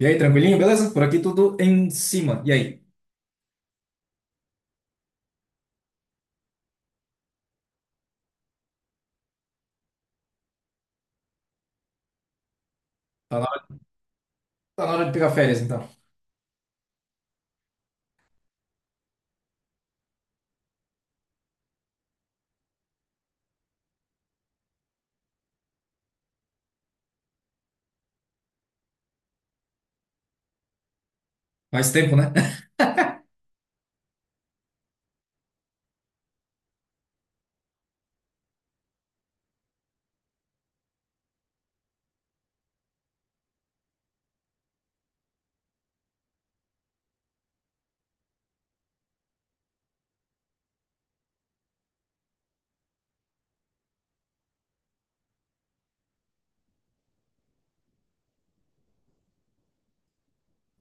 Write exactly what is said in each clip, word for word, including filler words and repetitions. E aí, tranquilinho, beleza? Por aqui tudo em cima. E aí? Tá na hora, tá na hora de pegar férias, então. Faz tempo, né?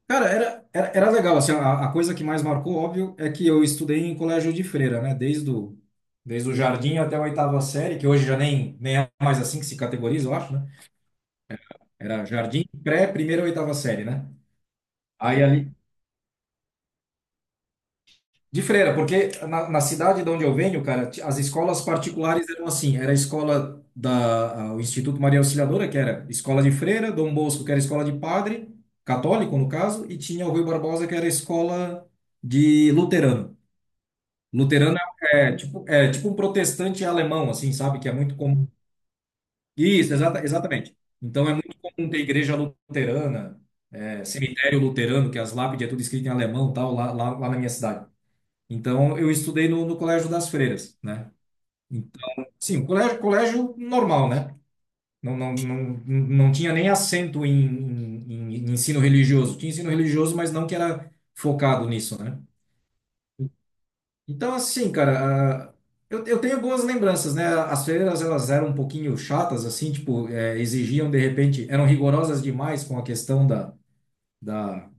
Cara, era, era, era legal. Assim, a, a coisa que mais marcou, óbvio, é que eu estudei em colégio de freira, né? Desde o, desde o jardim até a oitava série, que hoje já nem, nem é mais assim que se categoriza, eu acho, né? Era jardim, pré, primeira, oitava série, né? Aí ali, De freira, porque na, na cidade de onde eu venho, cara, ti- as escolas particulares eram assim, era a escola da, a- o Instituto Maria Auxiliadora, que era escola de freira, Dom Bosco, que era escola de padre, católico no caso, e tinha o Rui Barbosa, que era escola de luterano. Luterano é, é tipo, é tipo um protestante alemão, assim, sabe? Que é muito comum. Isso, exata, exatamente. Então é muito comum ter igreja luterana, é, cemitério luterano, que as lápides é tudo escrito em alemão, tal, lá, lá, lá na minha cidade. Então, eu estudei no, no Colégio das Freiras, né? Então, sim, um colégio, colégio normal, né? Não, não, não, não tinha nem acento em, em, em ensino religioso. Tinha ensino religioso, mas não que era focado nisso, né? Então, assim, cara, ah, eu, eu tenho boas lembranças, né? As freiras, elas eram um pouquinho chatas, assim, tipo, eh, exigiam, de repente, eram rigorosas demais com a questão da, da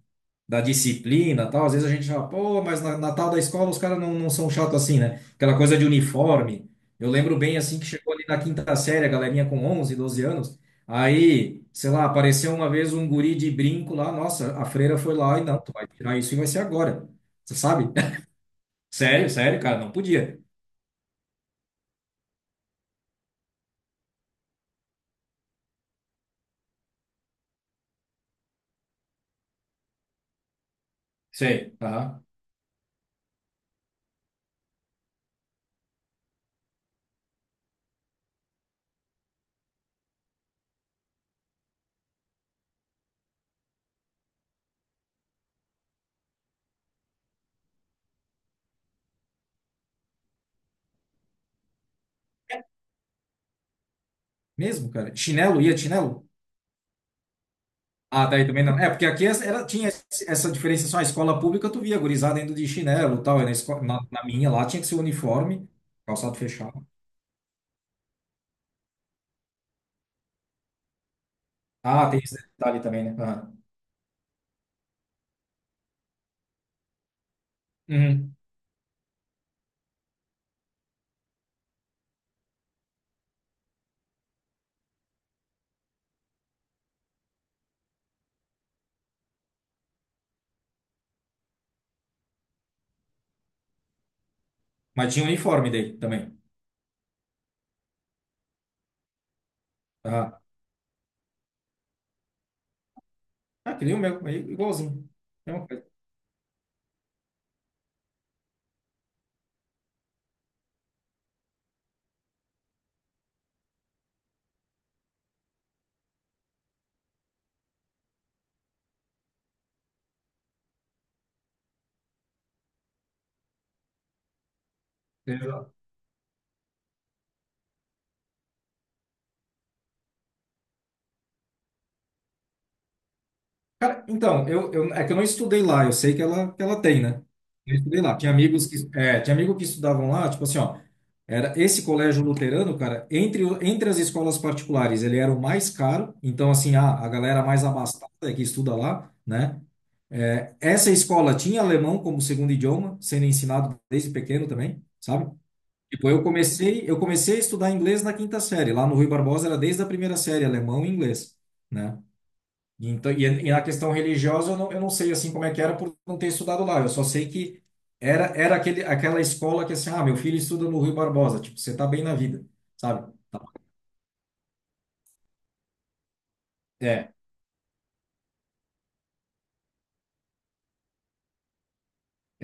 da disciplina, tal. Às vezes a gente fala, pô, mas na, na tal da escola os caras não, não são chatos assim, né? Aquela coisa de uniforme. Eu lembro bem assim que chegou ali na quinta série, a galerinha com onze, doze anos. Aí, sei lá, apareceu uma vez um guri de brinco lá, nossa, a freira foi lá e não, tu vai tirar isso e vai ser agora. Você sabe? Sério, sério, cara, não podia. Sei, tá? Mesmo, cara. Chinelo, ia de chinelo? Ah, daí também não. É, porque aqui é, era, tinha esse- essa diferenciação. A escola pública, tu via a gurizada indo de chinelo e tal. E na, esco- na, na minha lá tinha que ser uniforme, calçado fechado. Ah, tem esse detalhe também, né? Ah. Uhum. Mas tinha uniforme daí também. Ah, ah que nem o meu, aí igualzinho. Mesma coisa. Cara, então, eu, eu, é que eu não estudei lá, eu sei que ela, que ela tem, né? Eu estudei lá. Tinha amigos que, é, tinha amigo que estudavam lá, tipo assim, ó, era esse colégio luterano, cara, entre, o- entre as escolas particulares, ele era o mais caro, então, assim, a, a galera mais abastada é que estuda lá, né? É, essa escola tinha alemão como segundo idioma, sendo ensinado desde pequeno também, sabe? Tipo, eu comecei, eu comecei a estudar inglês na quinta série. Lá no Rui Barbosa era desde a primeira série, alemão e inglês, né? Então, e, e na questão religiosa, eu não, eu não sei assim como é que era por não ter estudado lá. Eu só sei que era, era aquele, aquela escola que assim, ah, meu filho estuda no Rui Barbosa, tipo, você tá bem na vida, sabe? É,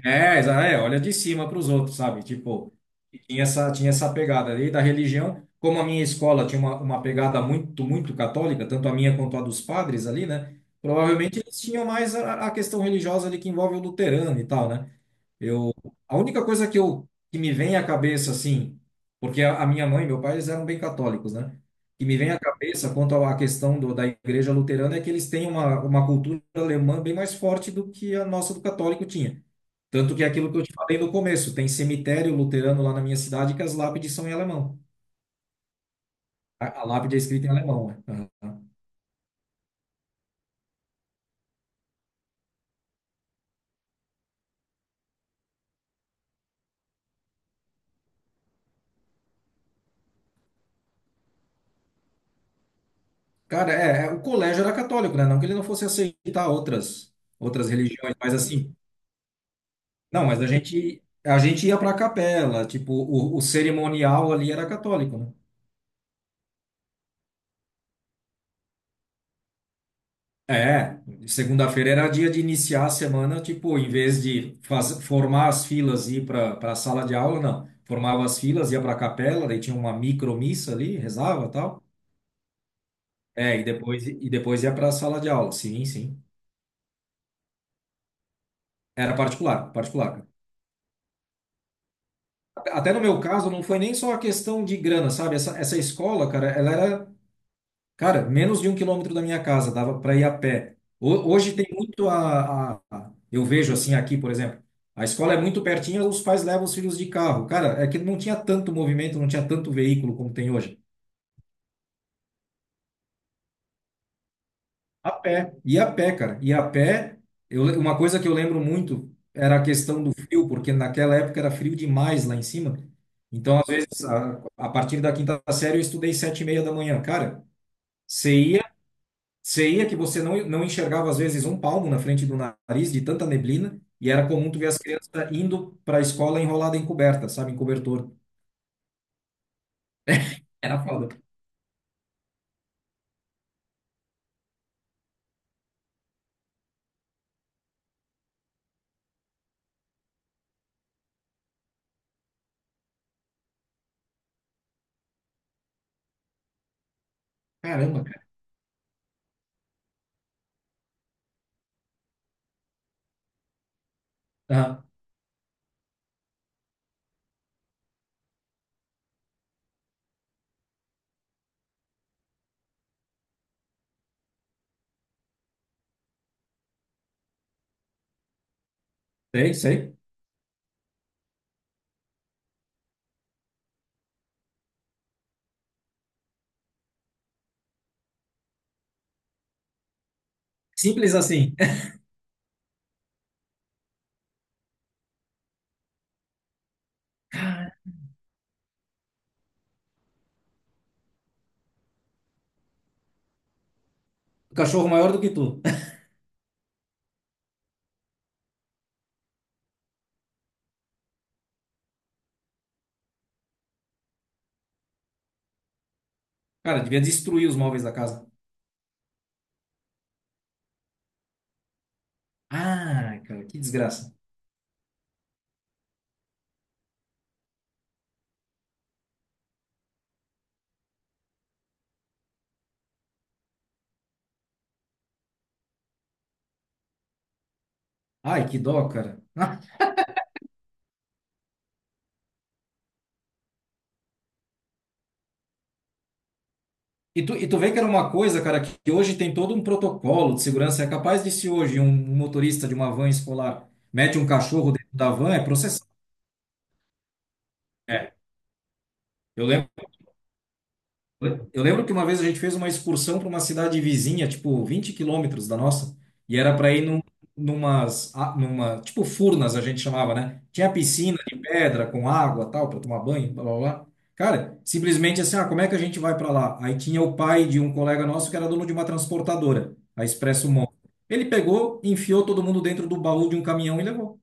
É, exa- é, olha de cima para os outros, sabe? Tipo, e tinha essa, tinha essa pegada ali da religião. Como a minha escola tinha uma, uma pegada muito, muito católica, tanto a minha quanto a dos padres ali, né? Provavelmente eles tinham mais a, a questão religiosa ali que envolve o luterano e tal, né? Eu, a única coisa que eu que me vem à cabeça assim, porque a, a minha mãe e meu pai eles eram bem católicos, né? Que me vem à cabeça quanto à questão do, da igreja luterana é que eles têm uma, uma cultura alemã bem mais forte do que a nossa do católico tinha. Tanto que é aquilo que eu te falei no começo, tem cemitério luterano lá na minha cidade que as lápides são em alemão. A, a lápide é escrita em alemão, né? Aham. Cara, é, é, o colégio era católico, né? Não que ele não fosse aceitar outras outras religiões, mas assim, não, mas a gente a gente ia para a capela, tipo, o, o cerimonial ali era católico, né? É, segunda-feira era dia de iniciar a semana, tipo, em vez de faz, formar as filas e ir para para a sala de aula, não. Formava as filas, ia para a capela, daí tinha uma micromissa ali, rezava, tal. É, e depois, e depois ia para a sala de aula. Sim, sim. Era particular, particular, cara. Até no meu caso, não foi nem só a questão de grana, sabe? Essa, essa escola, cara, ela era, cara, menos de um quilômetro da minha casa, dava para ir a pé. Ho- Hoje tem muito a, a- a- eu vejo assim aqui, por exemplo, a escola é muito pertinho, os pais levam os filhos de carro. Cara, é que não tinha tanto movimento, não tinha tanto veículo como tem hoje. A pé, e a pé, cara. E a pé, eu, le- uma coisa que eu lembro muito era a questão do frio, porque naquela época era frio demais lá em cima. Então, às vezes, a, a partir da quinta série, eu estudei sete e meia da manhã. Cara, você ia, você ia que você não, não enxergava, às vezes, um palmo na frente do nariz, de tanta neblina, e era comum tu ver as crianças indo para a escola enrolada em coberta, sabe, em cobertor. Era foda. Caramba, cara. Aham, sei, sei. Simples assim. O cachorro maior do que tu. Cara, devia destruir os móveis da casa. Ah, cara, que desgraça. Ai, que dó, cara. Ah, e tu, e tu vê que era uma coisa, cara, que que hoje tem todo um protocolo de segurança. É capaz de se hoje um motorista de uma van escolar mete um cachorro dentro da van, é processado. É. Eu lembro Eu lembro que uma vez a gente fez uma excursão para uma cidade vizinha, tipo vinte quilômetros da nossa, e era para ir num, numas, a- numa, tipo furnas a gente chamava, né? Tinha piscina de pedra com água, tal, para tomar banho, blá blá blá. Cara, simplesmente assim, ah, como é que a gente vai para lá? Aí tinha o pai de um colega nosso que era dono de uma transportadora, a Expresso Mont. Ele pegou, enfiou todo mundo dentro do baú de um caminhão e levou.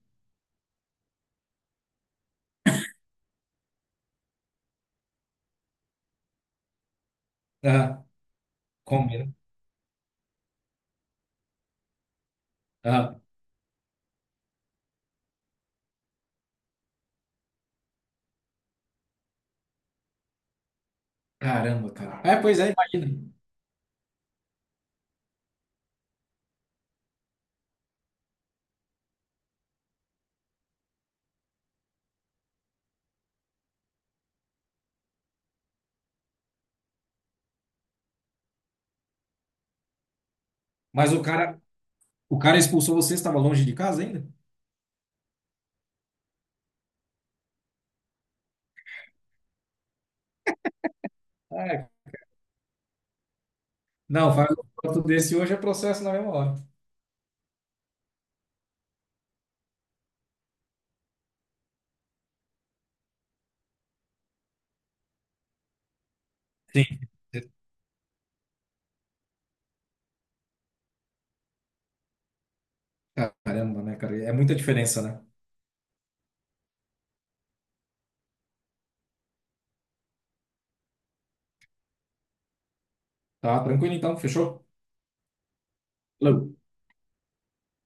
Ah, como? Né? Ah, caramba, cara. É, pois é, imagina. Mas o cara, O cara expulsou você, você estava longe de casa ainda? É, não, faz um voto desse hoje é processo na mesma hora. Sim. Caramba, né, cara? É muita diferença, né? Tá tranquilo então, fechou? Falou.